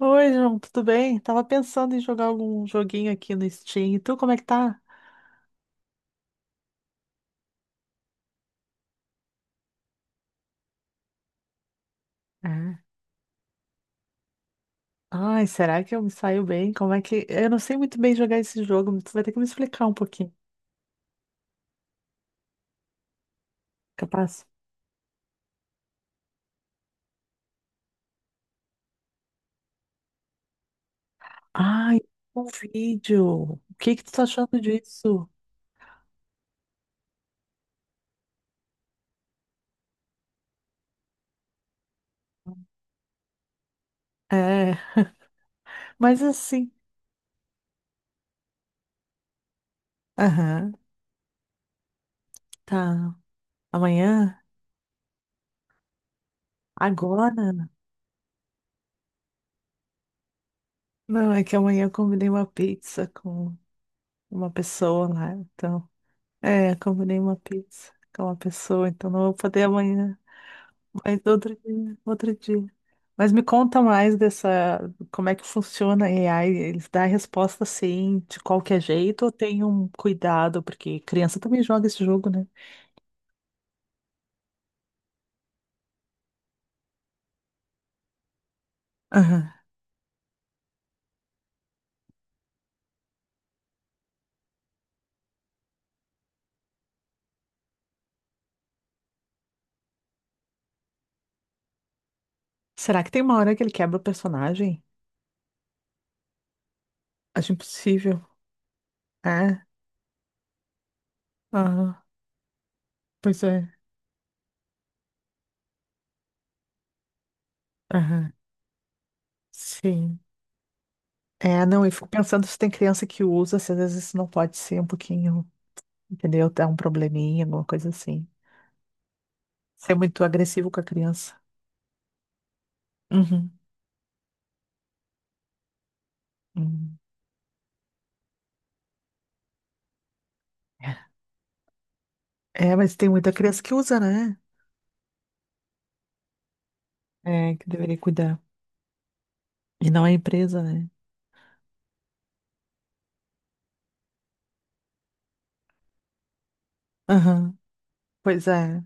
Oi, João, tudo bem? Tava pensando em jogar algum joguinho aqui no Steam. E tu, como é que tá? Ah. Ai, será que eu me saio bem? Como é que. Eu não sei muito bem jogar esse jogo, tu vai ter que me explicar um pouquinho, capaz? Ai, um vídeo. O que que tu tá achando disso? É, mas assim. Aham, tá. Amanhã? Agora? Não, é que amanhã eu combinei uma pizza com uma pessoa lá, então. É, combinei uma pizza com uma pessoa, então não vou poder amanhã. Mas outro dia, outro dia. Mas me conta mais dessa, como é que funciona a AI? Eles dão a resposta assim, de qualquer jeito, ou tem um cuidado, porque criança também joga esse jogo, né? Aham. Será que tem uma hora que ele quebra o personagem? Acho impossível. É? Aham. Pois é. Aham. Sim. É, não, eu fico pensando se tem criança que usa, se às vezes isso não pode ser um pouquinho, entendeu? Dá um probleminha, alguma coisa assim. Ser muito agressivo com a criança. Uhum. Uhum. É, mas tem muita criança que usa, né? É, que deveria cuidar. E não é empresa, né? Aham. Pois é,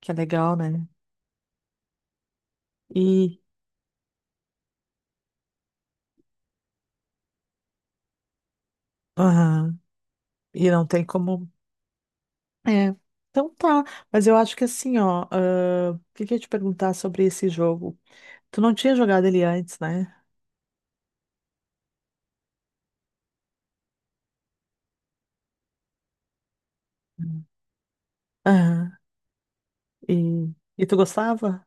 que é legal, né? E, aham. E não tem como. É. Então tá. Mas eu acho que assim, ó. O que que eu ia te perguntar sobre esse jogo? Tu não tinha jogado ele antes, né? Hum. Aham. E tu gostava?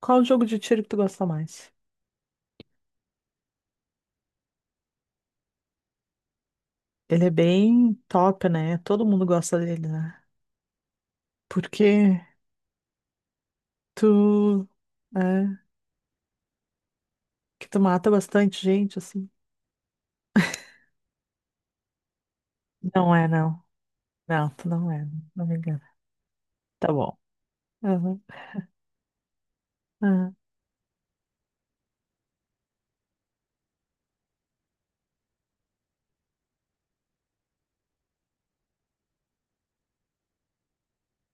Qual o jogo de tiro que tu gosta mais? Ele é bem top, né? Todo mundo gosta dele, né? Porque tu. É. Que tu mata bastante gente, assim. Não é, não. Não, tu não é. Não me engana. Tá bom. Aham, aham.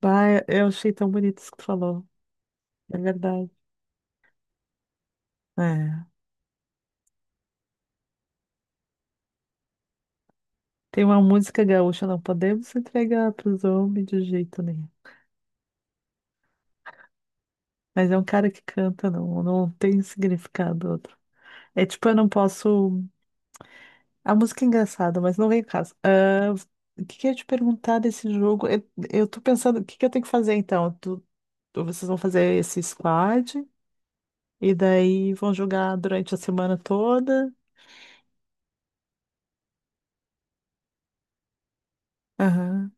Bah, eu achei tão bonito isso que tu falou. É verdade. É. Tem uma música gaúcha, não podemos entregar pros homens de jeito nenhum. Mas é um cara que canta, não, não tem significado outro. É tipo, eu não posso. A música é engraçada, mas não vem em casa. Ah, o que que eu ia te perguntar desse jogo? Eu tô pensando, o que que eu tenho que fazer então? Vocês vão fazer esse squad? E daí vão jogar durante a semana toda. Aham.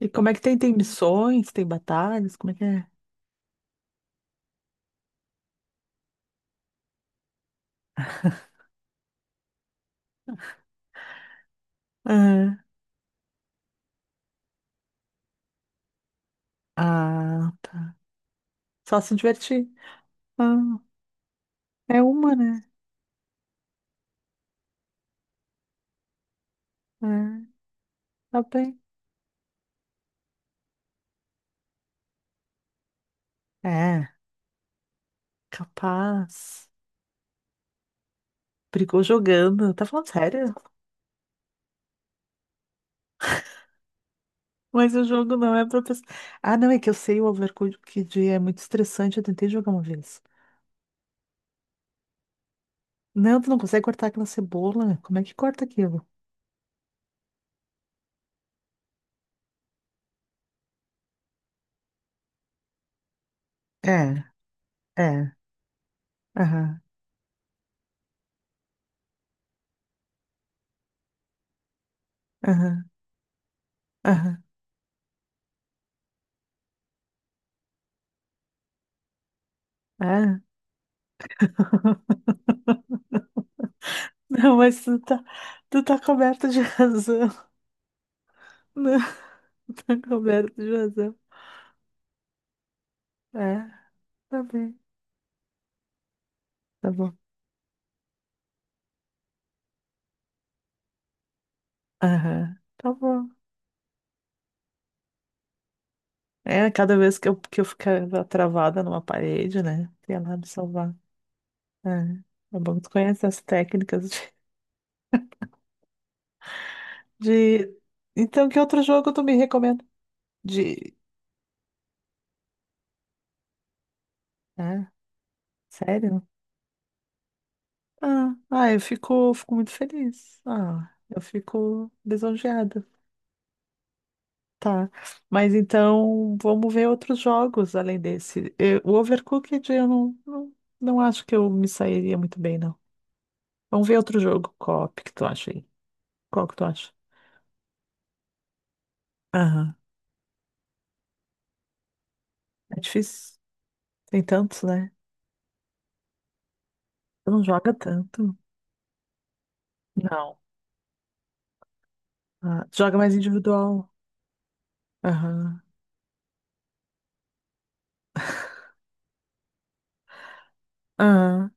E como é que tem? Tem missões, tem batalhas? Como é que é? Aham. Ah, tá. Só se divertir. Ah, é uma, né? É, tá bem. É, capaz. Brigou jogando. Tá falando sério? Mas o jogo não é pra pessoa. Ah, não, é que eu sei o Overcooked é muito estressante. Eu tentei jogar uma vez. Não, tu não consegue cortar aquela cebola. Como é que corta aquilo? É, é. Aham, aham, aham. É. Não, mas tu tá, coberto de razão. Não, tá coberto de razão. É, tá bem. Tá bom. Aham, tá bom. É, cada vez que eu ficava travada numa parede, né? Ia lá me salvar. É, tá bom. Tu conhece as técnicas de- Então, que outro jogo tu me recomenda? De... É, sério? Eu fico, fico muito feliz. Ah, eu fico lisonjeada. Tá, mas então vamos ver outros jogos além desse. O Overcooked eu não, não, não acho que eu me sairia muito bem, não. Vamos ver outro jogo co que tu acha aí. Qual que tu acha? Aham. É difícil. Tem tantos, né? Tu não joga tanto. Não. Ah, tu joga mais individual. Aham. Aham.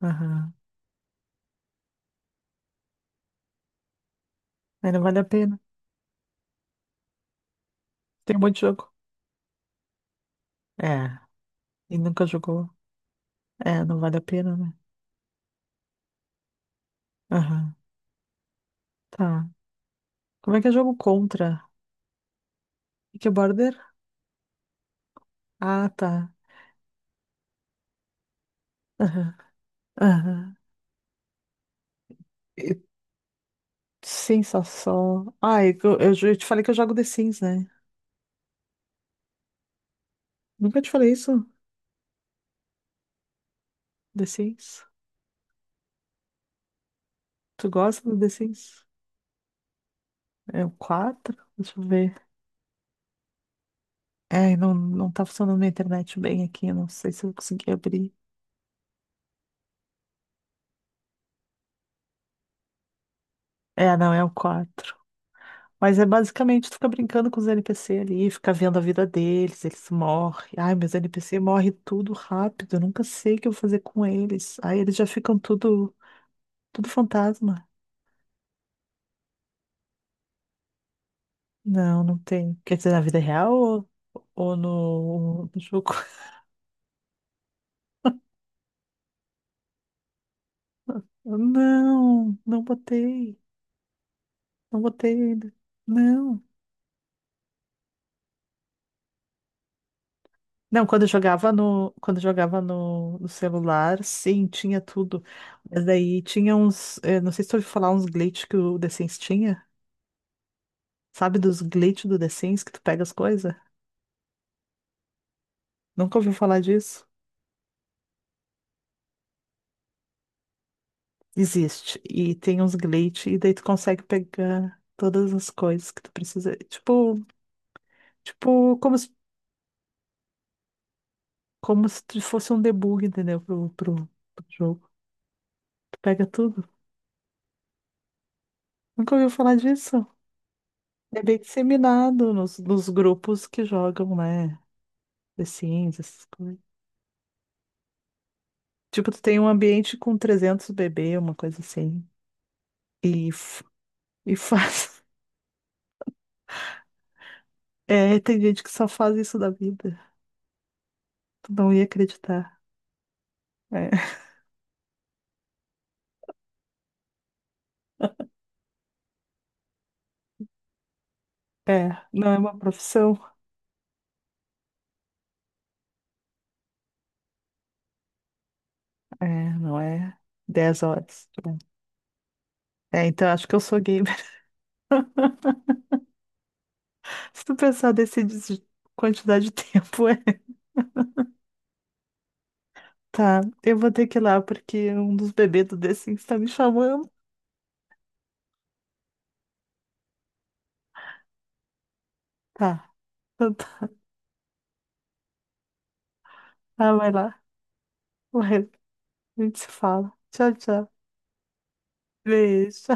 Aham. Aí não vale a pena. Tem um monte de jogo. É. E nunca jogou. É, não vale a pena, né? Aham. Tá. Como é que é jogo contra? E que é border? Ah, tá. Aham, aham. E- Sensação. Ai, eu te falei que eu jogo The Sims, né? Nunca te falei isso? The Sims? Tu gosta do The Sims? É o quatro. Deixa eu ver. É, não, não tá funcionando minha internet bem aqui. Eu Não sei se eu consegui abrir. É, não, é o quatro. Mas é basicamente tu fica brincando com os NPC ali, fica vendo a vida deles, eles morrem. Ai, meus NPC morrem tudo rápido. Eu nunca sei o que eu vou fazer com eles. Aí eles já ficam tudo, tudo fantasma. Não, não tem. Quer dizer, na vida real ou, ou no jogo? Não, não botei. Não botei ainda. Não. Não, quando eu jogava no celular, sim, tinha tudo. Mas daí tinha não sei se tu ouviu falar uns glitch que o The Sims tinha. Sabe dos glitch do The Sims que tu pega as coisas? Nunca ouviu falar disso? Existe. E tem uns glitch e daí tu consegue pegar todas as coisas que tu precisa. Tipo, como se tu fosse um debug, entendeu? Pro jogo. Tu pega tudo. Nunca ouviu falar disso? É bem disseminado nos grupos que jogam, né? The Sims, essas coisas. Tipo, tu tem um ambiente com 300 bebê, uma coisa assim. E, f- e faz. É, tem gente que só faz isso da vida. Tu não ia acreditar. É, é, não é uma profissão. É, não é 10 horas. É, então acho que eu sou gamer. Se tu pensar desse quantidade de tempo, é. Tá, eu vou ter que ir lá porque um dos bebês do The Sims tá me chamando. Tá, então tá, vai lá. Vai, a gente se fala. Tchau, tchau. Beijo.